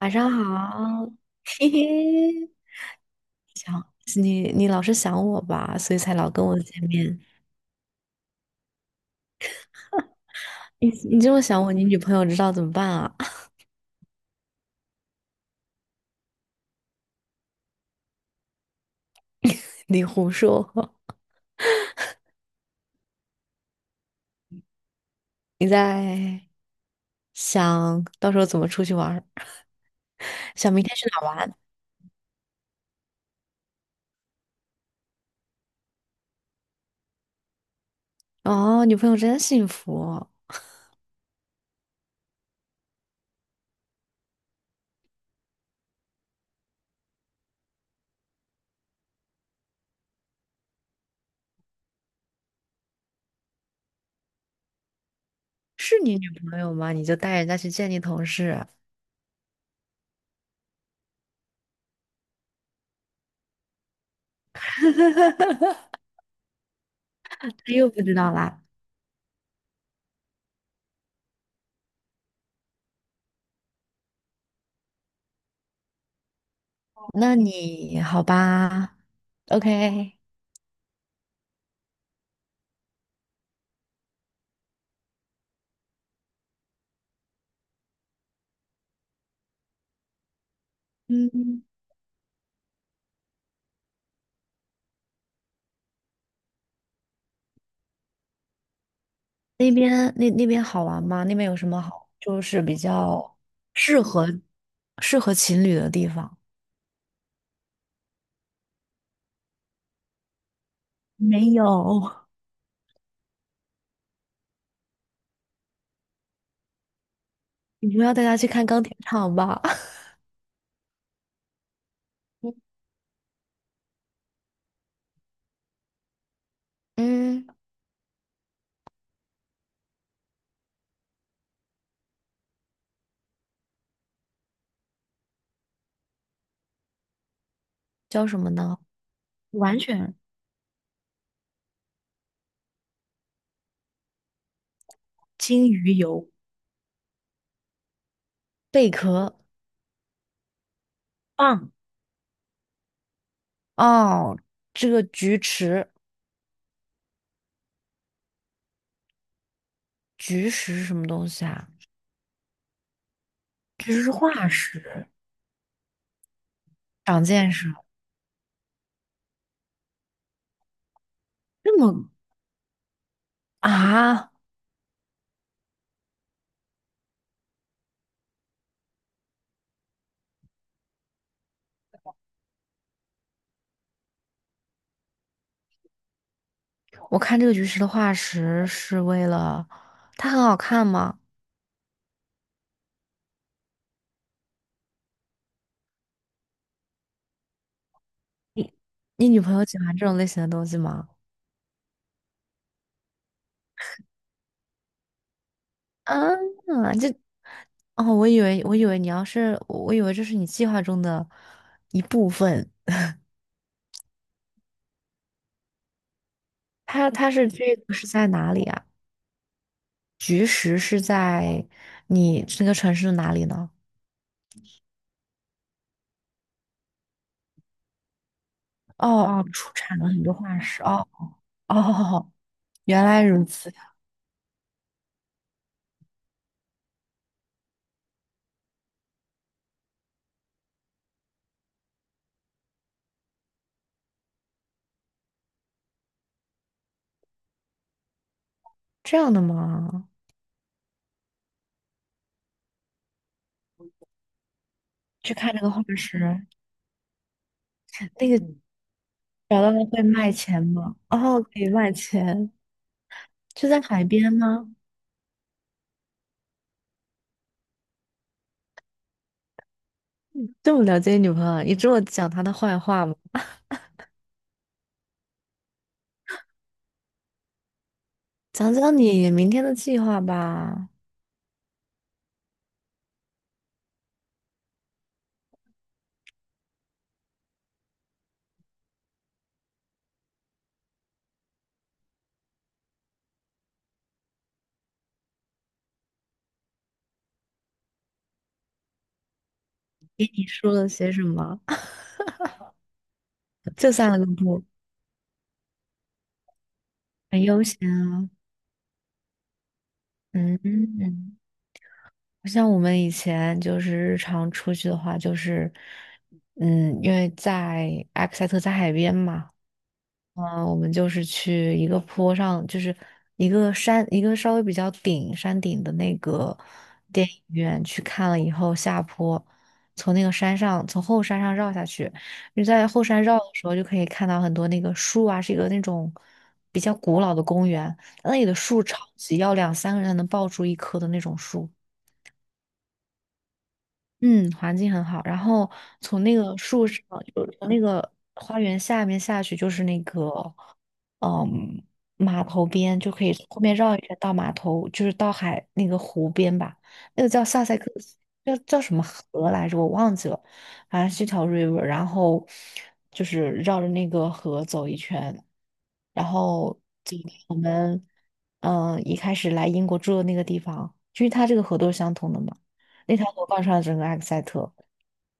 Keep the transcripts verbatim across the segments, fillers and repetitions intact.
晚上好，嘿嘿，想你，你老是想我吧，所以才老跟我见面。你你这么想我，你女朋友知道怎么办啊？你胡说，你在想到时候怎么出去玩儿，想明天去哪儿玩？哦，女朋友真幸福，是你女朋友吗？你就带人家去见你同事，她又不知道啦。那你好吧，OK,嗯，那边那那边好玩吗？那边有什么好，就是比较适合适合情侣的地方？没有，你不要带他去看钢铁厂吧？嗯，叫什么呢？完全金鱼油贝壳棒，哦，这个菊池菊石是什么东西啊？这是化石，长见识了。这么啊！我看这个菊石的化石是为了它很好看吗？你你女朋友喜欢这种类型的东西吗？啊，这哦，我以为我以为你要是，我以为这是你计划中的一部分。它它是这个是在哪里啊？菊石是在你这个城市的哪里呢？哦哦，出产了很多化石。哦哦，原来如此，这样的吗？去看那个化石，那个找到了会卖钱吗？哦，可以卖钱，就在海边吗？这么了解女朋友，你这么讲她的坏话吗？讲讲你明天的计划吧。给你说了些什么？就散了个步，很悠闲啊。嗯嗯，不像我们以前就是日常出去的话，就是，嗯，因为在埃克塞特在海边嘛，嗯，我们就是去一个坡上，就是一个山，一个稍微比较顶山顶的那个电影院去看了以后，下坡从那个山上，从后山上绕下去。你在后山绕的时候，就可以看到很多那个树啊，是一个那种比较古老的公园，那里的树超级要两三个人才能抱住一棵的那种树。嗯，环境很好。然后从那个树上，就从那个花园下面下去，就是那个，嗯，码头边，就可以后面绕一圈到码头，就是到海那个湖边吧。那个叫萨塞克斯，叫叫什么河来着？我忘记了，反正是一条 river。然后就是绕着那个河走一圈，然后走到我们嗯一开始来英国住的那个地方，就是它这个河都是相通的嘛。那条河贯穿了整个埃克塞特，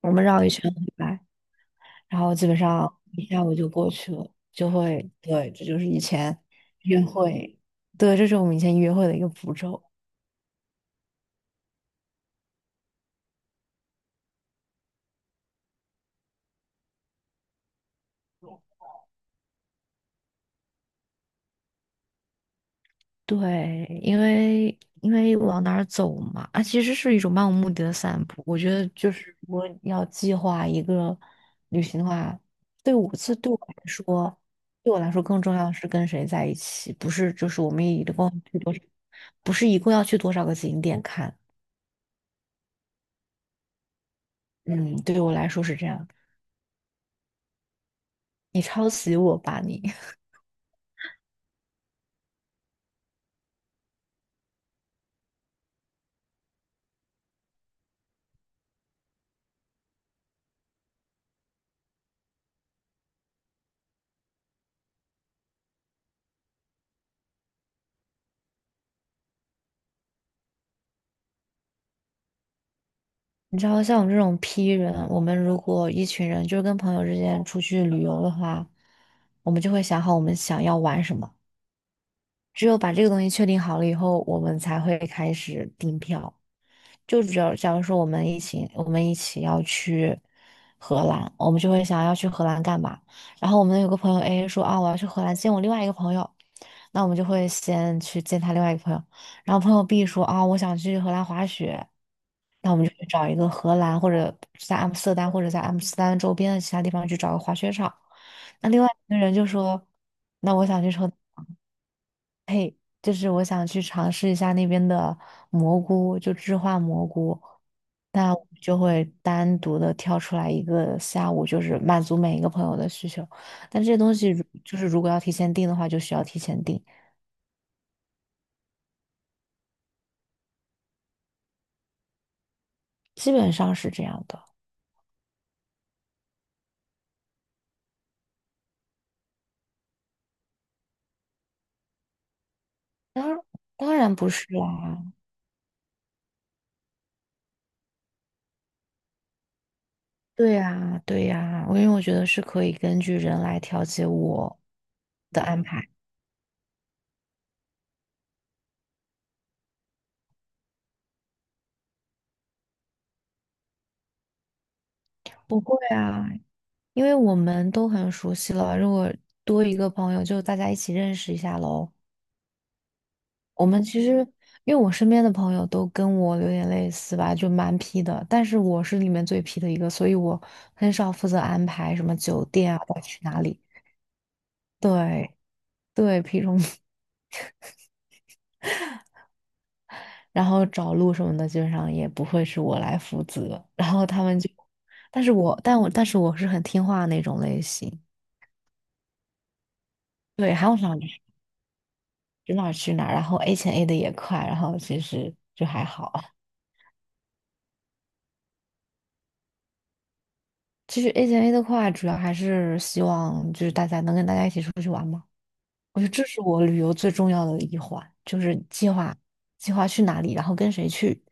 我们绕一圈回来，然后基本上一下午就过去了，就会，对，这就是以前约会，对，这是我们以前约会的一个步骤。对，因为因为往哪儿走嘛，啊，其实是一种漫无目的的散步。我觉得就是如果要计划一个旅行的话，对我次对我来说，对我来说更重要的是跟谁在一起，不是就是我们一共要去多少，不是一共要去多少个景点看。嗯，对我来说是这样。你抄袭我吧你，你知道像我们这种 P 人，我们如果一群人就是跟朋友之间出去旅游的话，我们就会想好我们想要玩什么，只有把这个东西确定好了以后，我们才会开始订票。就只要假如说我们一起，我们一起要去荷兰，我们就会想要去荷兰干嘛？然后我们有个朋友 A 说啊，我要去荷兰见我另外一个朋友，那我们就会先去见他另外一个朋友。然后朋友 B 说啊，我想去荷兰滑雪，那我们就去找一个荷兰或者在阿姆斯特丹或者在阿姆斯特丹周边的其他地方去找个滑雪场。那另外一个人就说，那我想去车。就是我想去尝试一下那边的蘑菇，就置换蘑菇，那我就会单独的挑出来一个下午，就是满足每一个朋友的需求。但这些东西如就是如果要提前订的话，就需要提前订，基本上是这样的。当当然不是啦，对呀，对呀，我因为我觉得是可以根据人来调节我的安排。不会啊，因为我们都很熟悉了，如果多一个朋友，就大家一起认识一下喽。我们其实，因为我身边的朋友都跟我有点类似吧，就蛮皮的，但是我是里面最皮的一个，所以我很少负责安排什么酒店啊，要去哪里。对对，皮中，然后找路什么的，基本上也不会是我来负责。然后他们就，但是我，但我，但是我是很听话的那种类型。对，喊我想去哪儿去哪儿，然后 A 钱 A 的也快，然后其实就还好。其实 A 钱 A 的快，主要还是希望就是大家能跟大家一起出去玩嘛。我觉得这是我旅游最重要的一环，就是计划计划去哪里，然后跟谁去。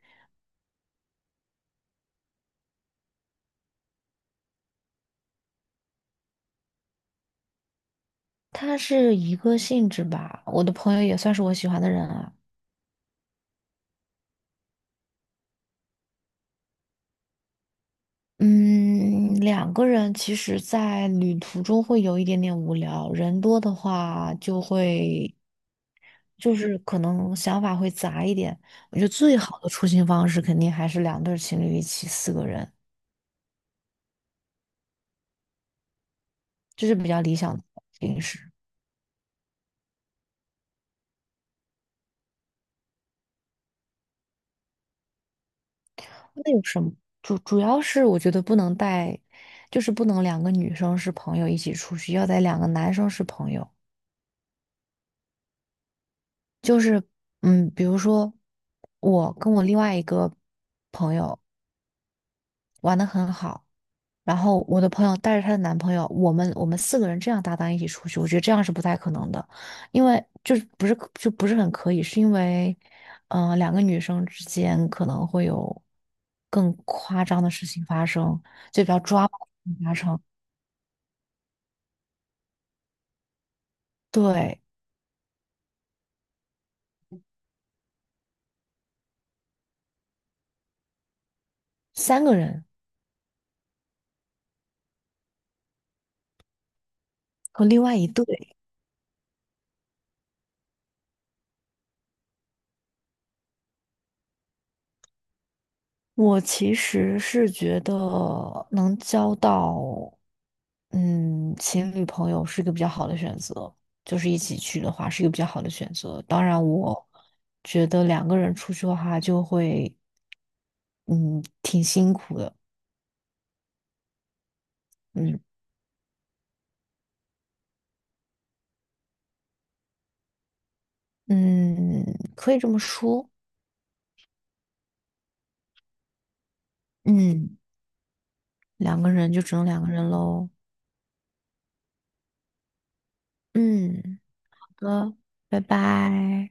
它是一个性质吧，我的朋友也算是我喜欢的人啊。嗯，两个人其实，在旅途中会有一点点无聊，人多的话就会，就是可能想法会杂一点。我觉得最好的出行方式肯定还是两对儿情侣一起，四个人，这是比较理想的形式。那有什么？主主要是我觉得不能带，就是不能两个女生是朋友一起出去，要得两个男生是朋友。就是嗯，比如说我跟我另外一个朋友，玩的很好。然后我的朋友带着她的男朋友，我们我们四个人这样搭档一起出去，我觉得这样是不太可能的，因为就是不是就不是很可以，是因为，嗯、两个女生之间可能会有更夸张的事情发生，就比较抓马的事情发生对，三个人和另外一对。我其实是觉得能交到，嗯，情侣朋友是一个比较好的选择，就是一起去的话是一个比较好的选择。当然，我觉得两个人出去的话就会，嗯，挺辛苦的，嗯嗯，可以这么说，嗯，两个人就只能两个人喽，嗯，好的，拜拜。